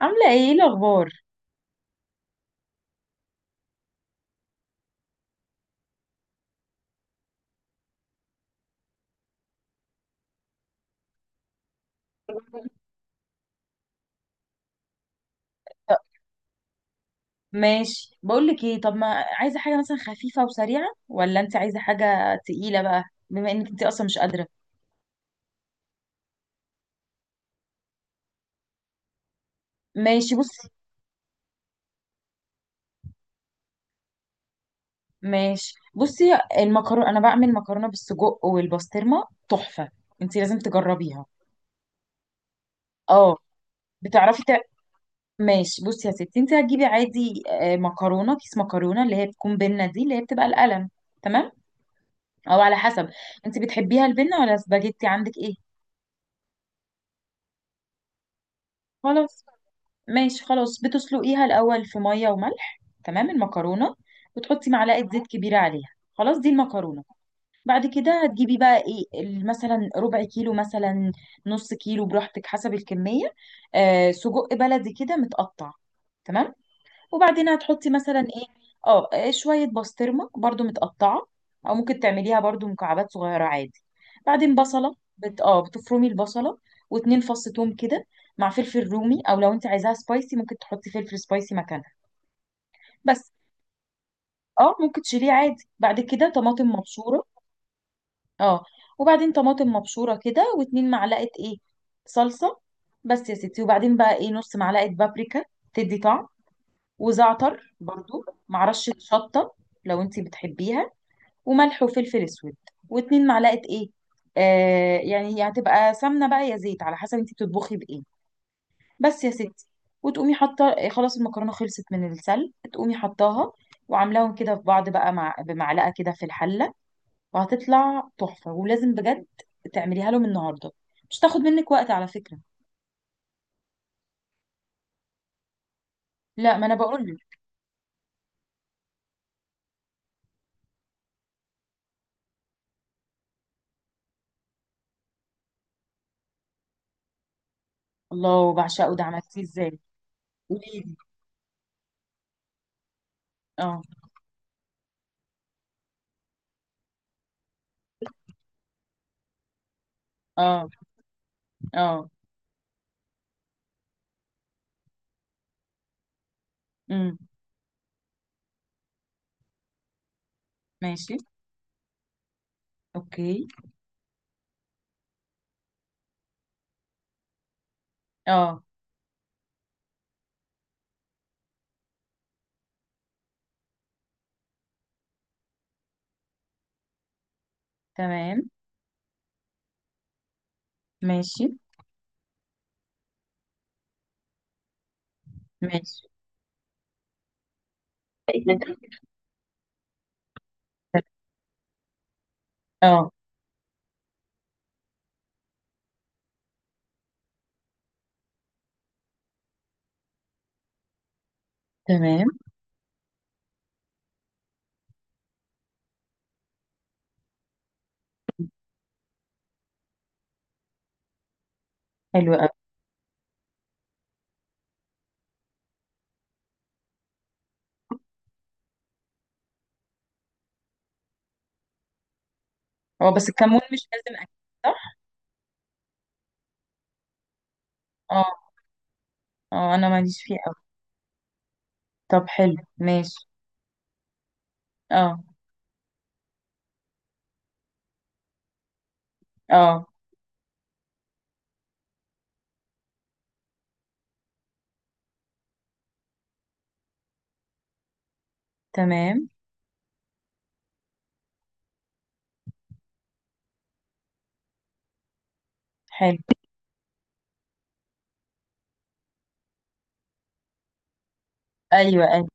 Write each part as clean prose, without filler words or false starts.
عاملة ايه، إيه الأخبار؟ طب ماشي بقولك ايه. طب، ما عايزة حاجة مثلا خفيفة وسريعة ولا انت عايزة حاجة تقيلة بقى؟ بما انك انت اصلا مش قادرة. ماشي بصي. المكرونة، انا بعمل مكرونة بالسجق والبسطرمة تحفة. انت لازم تجربيها. اه بتعرفي تع... ماشي بصي يا ستي، انت هتجيبي عادي، مكرونة، كيس مكرونة اللي هي بتكون بنة، دي اللي هي بتبقى القلم. تمام، او على حسب، انت بتحبيها البنة ولا سباجيتي؟ عندك ايه؟ خلاص. ماشي خلاص، بتسلقيها الأول في مية وملح، تمام، المكرونة، وتحطي معلقة زيت كبيرة عليها. خلاص دي المكرونة. بعد كده هتجيبي بقى ايه، مثلا ربع كيلو، مثلا نص كيلو براحتك حسب الكمية، آه، سجق بلدي كده متقطع. تمام. وبعدين هتحطي مثلا ايه، شوية بسطرمة برضو متقطعة، او ممكن تعمليها برضو مكعبات صغيرة عادي. بعدين بصلة بت... اه بتفرمي البصلة، واتنين فص توم كده، مع فلفل رومي، او لو انت عايزاها سبايسي ممكن تحطي فلفل سبايسي مكانها بس. اه، ممكن تشيليه عادي. بعد كده طماطم مبشورة. اه، وبعدين طماطم مبشورة كده، واتنين معلقة ايه، صلصة، بس يا ستي. وبعدين بقى ايه، نص معلقة بابريكا تدي طعم، وزعتر برضو مع رشة شطة لو انتي بتحبيها، وملح وفلفل اسود، واتنين معلقة ايه، يعني هي هتبقى سمنة بقى يا زيت على حسب انتي بتطبخي بايه، بس يا ستي. وتقومي حاطة، خلاص المكرونة خلصت من السلق، تقومي حطاها وعاملاهم كده في بعض بقى مع بمعلقة كده في الحلة، وهتطلع تحفة، ولازم بجد تعمليها لهم النهاردة. مش تاخد منك وقت على فكرة. لا، ما انا بقول لك. الله، بعشقه ده، عملتيه ازاي؟ قولي لي. اه. اه. اه. امم. ماشي. اوكي. اه. تمام. ماشي. ماشي، بقيت من تحت. اه. تمام. حلو قوي. هو بس الكمون مش لازم اكل، صح؟ اه. اه، انا ماليش فيه قوي. طب حلو، ماشي. اه. اه. تمام. حلو. ايوه ايوه.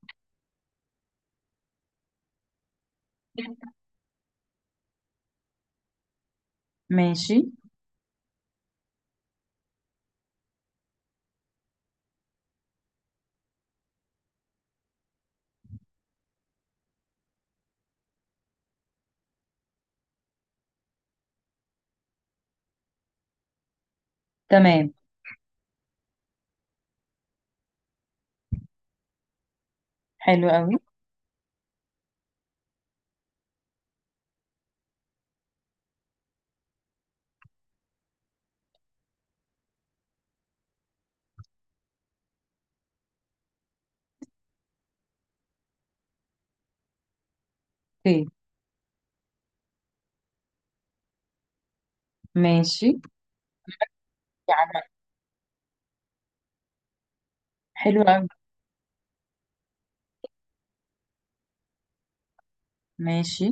ماشي. تمام. حلو قوي. اوكي. ماشي. يعني، حلو قوي. ماشي.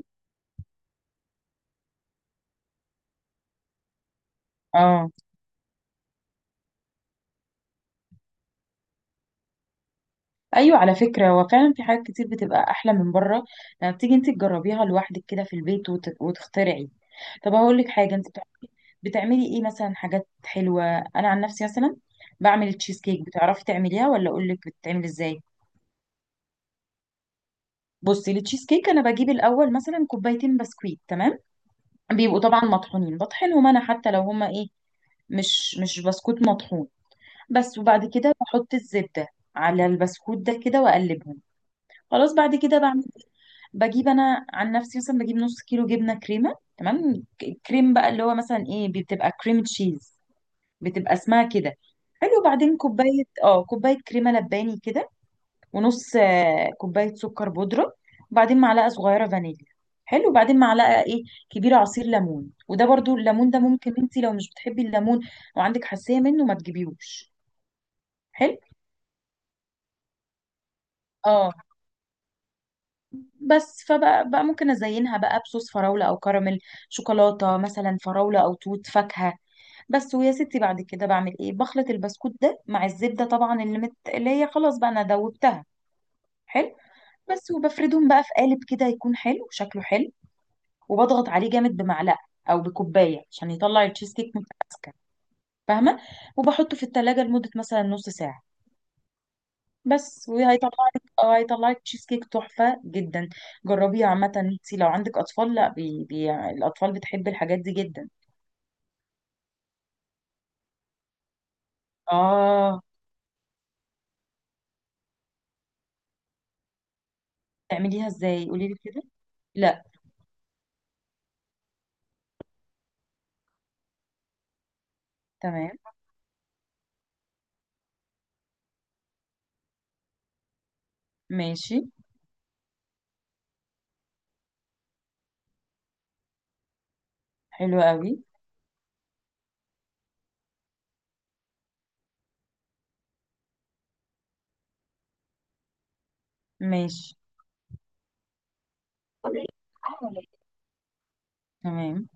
اه. ايوه، على فكره هو فعلا في حاجات كتير بتبقى احلى من بره لما بتيجي انت تجربيها لوحدك كده في البيت وتخترعي. طب هقول لك حاجه، انت بتعملي. بتعملي ايه مثلا، حاجات حلوه؟ انا عن نفسي مثلا بعمل التشيز كيك. بتعرفي تعمليها ولا اقول لك بتتعمل ازاي؟ بصي، التشيز كيك انا بجيب الاول مثلا كوبايتين بسكويت، تمام، بيبقوا طبعا مطحونين، بطحنهم انا حتى لو هما ايه، مش بسكوت مطحون بس. وبعد كده بحط الزبده على البسكوت ده كده واقلبهم. خلاص، بعد كده بعمل، بجيب انا عن نفسي مثلا، بجيب نص كيلو جبنه كريمه تمام، كريم بقى اللي هو مثلا ايه، بتبقى كريم تشيز، بتبقى اسمها كده. حلو. بعدين كوبايه، اه كوبايه كريمه لباني كده، ونص كوبايه سكر بودره. وبعدين معلقه صغيره فانيليا. حلو. وبعدين معلقه ايه، كبيره، عصير ليمون، وده برضو الليمون ده، ممكن انت لو مش بتحبي الليمون او عندك حساسيه منه ما تجيبيهوش. حلو. اه. بس، فبقى ممكن ازينها بقى بصوص فراولة او كراميل، شوكولاتة، مثلا فراولة او توت، فاكهة بس، ويا ستي. بعد كده بعمل ايه، بخلط البسكوت ده مع الزبدة طبعا اللي اللي هي خلاص بقى انا دوبتها. حلو. بس، وبفردهم بقى في قالب كده يكون حلو، شكله حلو. وبضغط عليه جامد بمعلقة او بكوباية عشان يطلع التشيز كيك متماسكة، فاهمة. وبحطه في التلاجة لمدة مثلا نص ساعة، بس وهيطلع لك. اه، هيطلع لك تشيز كيك تحفة جدا. جربيه عامة، انت لو عندك اطفال، لا الاطفال بتحب الحاجات دي جدا. اه، تعمليها ازاي؟ قولي لي كده. لا. تمام. ماشي. حلو قوي. ماشي. تمام.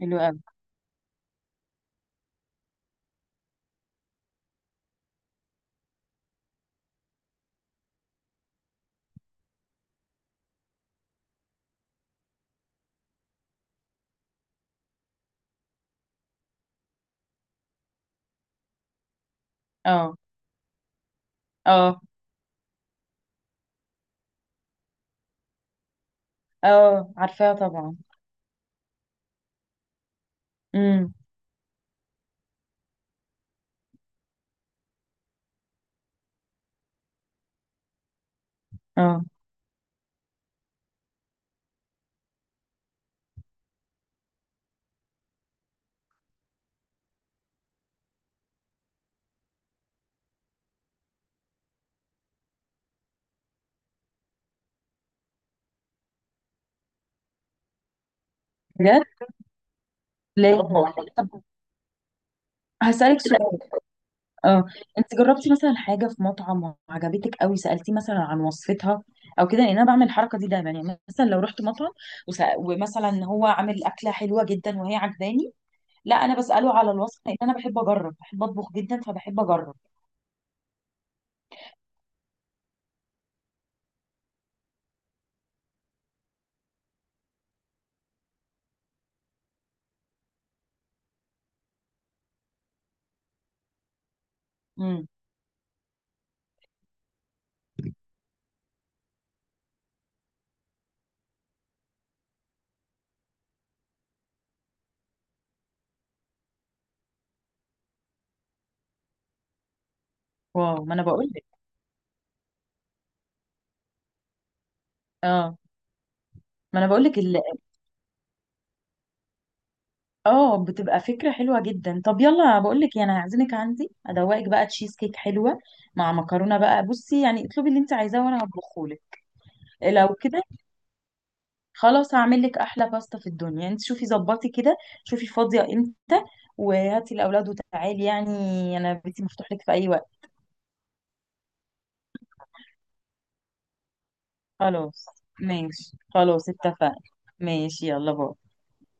حلو قوي. اه. اه. اه، عارفاها طبعا. امم. اه. بجد؟ ليه؟ طب هسألك سؤال. اه. انت جربتي مثلا حاجه في مطعم وعجبتك قوي، سالتيه مثلا عن وصفتها او كده؟ لان انا بعمل الحركه دي دايما، يعني مثلا لو رحت مطعم ومثلا هو عامل اكله حلوه جدا وهي عجباني، لا انا بساله على الوصفه، لان انا بحب اجرب، بحب اطبخ جدا، فبحب اجرب. امم. واو، ما انا بقول لك. اه، ما انا بقول لك اه، بتبقى فكره حلوه جدا. طب يلا، بقول لك يعني هعزمك عندي، ادوقك بقى تشيز كيك حلوه مع مكرونه بقى، بصي يعني، اطلبي اللي انت عايزاه وانا هطبخه لك. لو كده خلاص، هعمل لك احلى باستا في الدنيا. انت شوفي ظبطي كده، شوفي فاضيه امتى وهاتي الاولاد وتعالي، يعني انا بيتي مفتوح لك في اي وقت. خلاص، ماشي خلاص، اتفقنا. ماشي، يلا باي.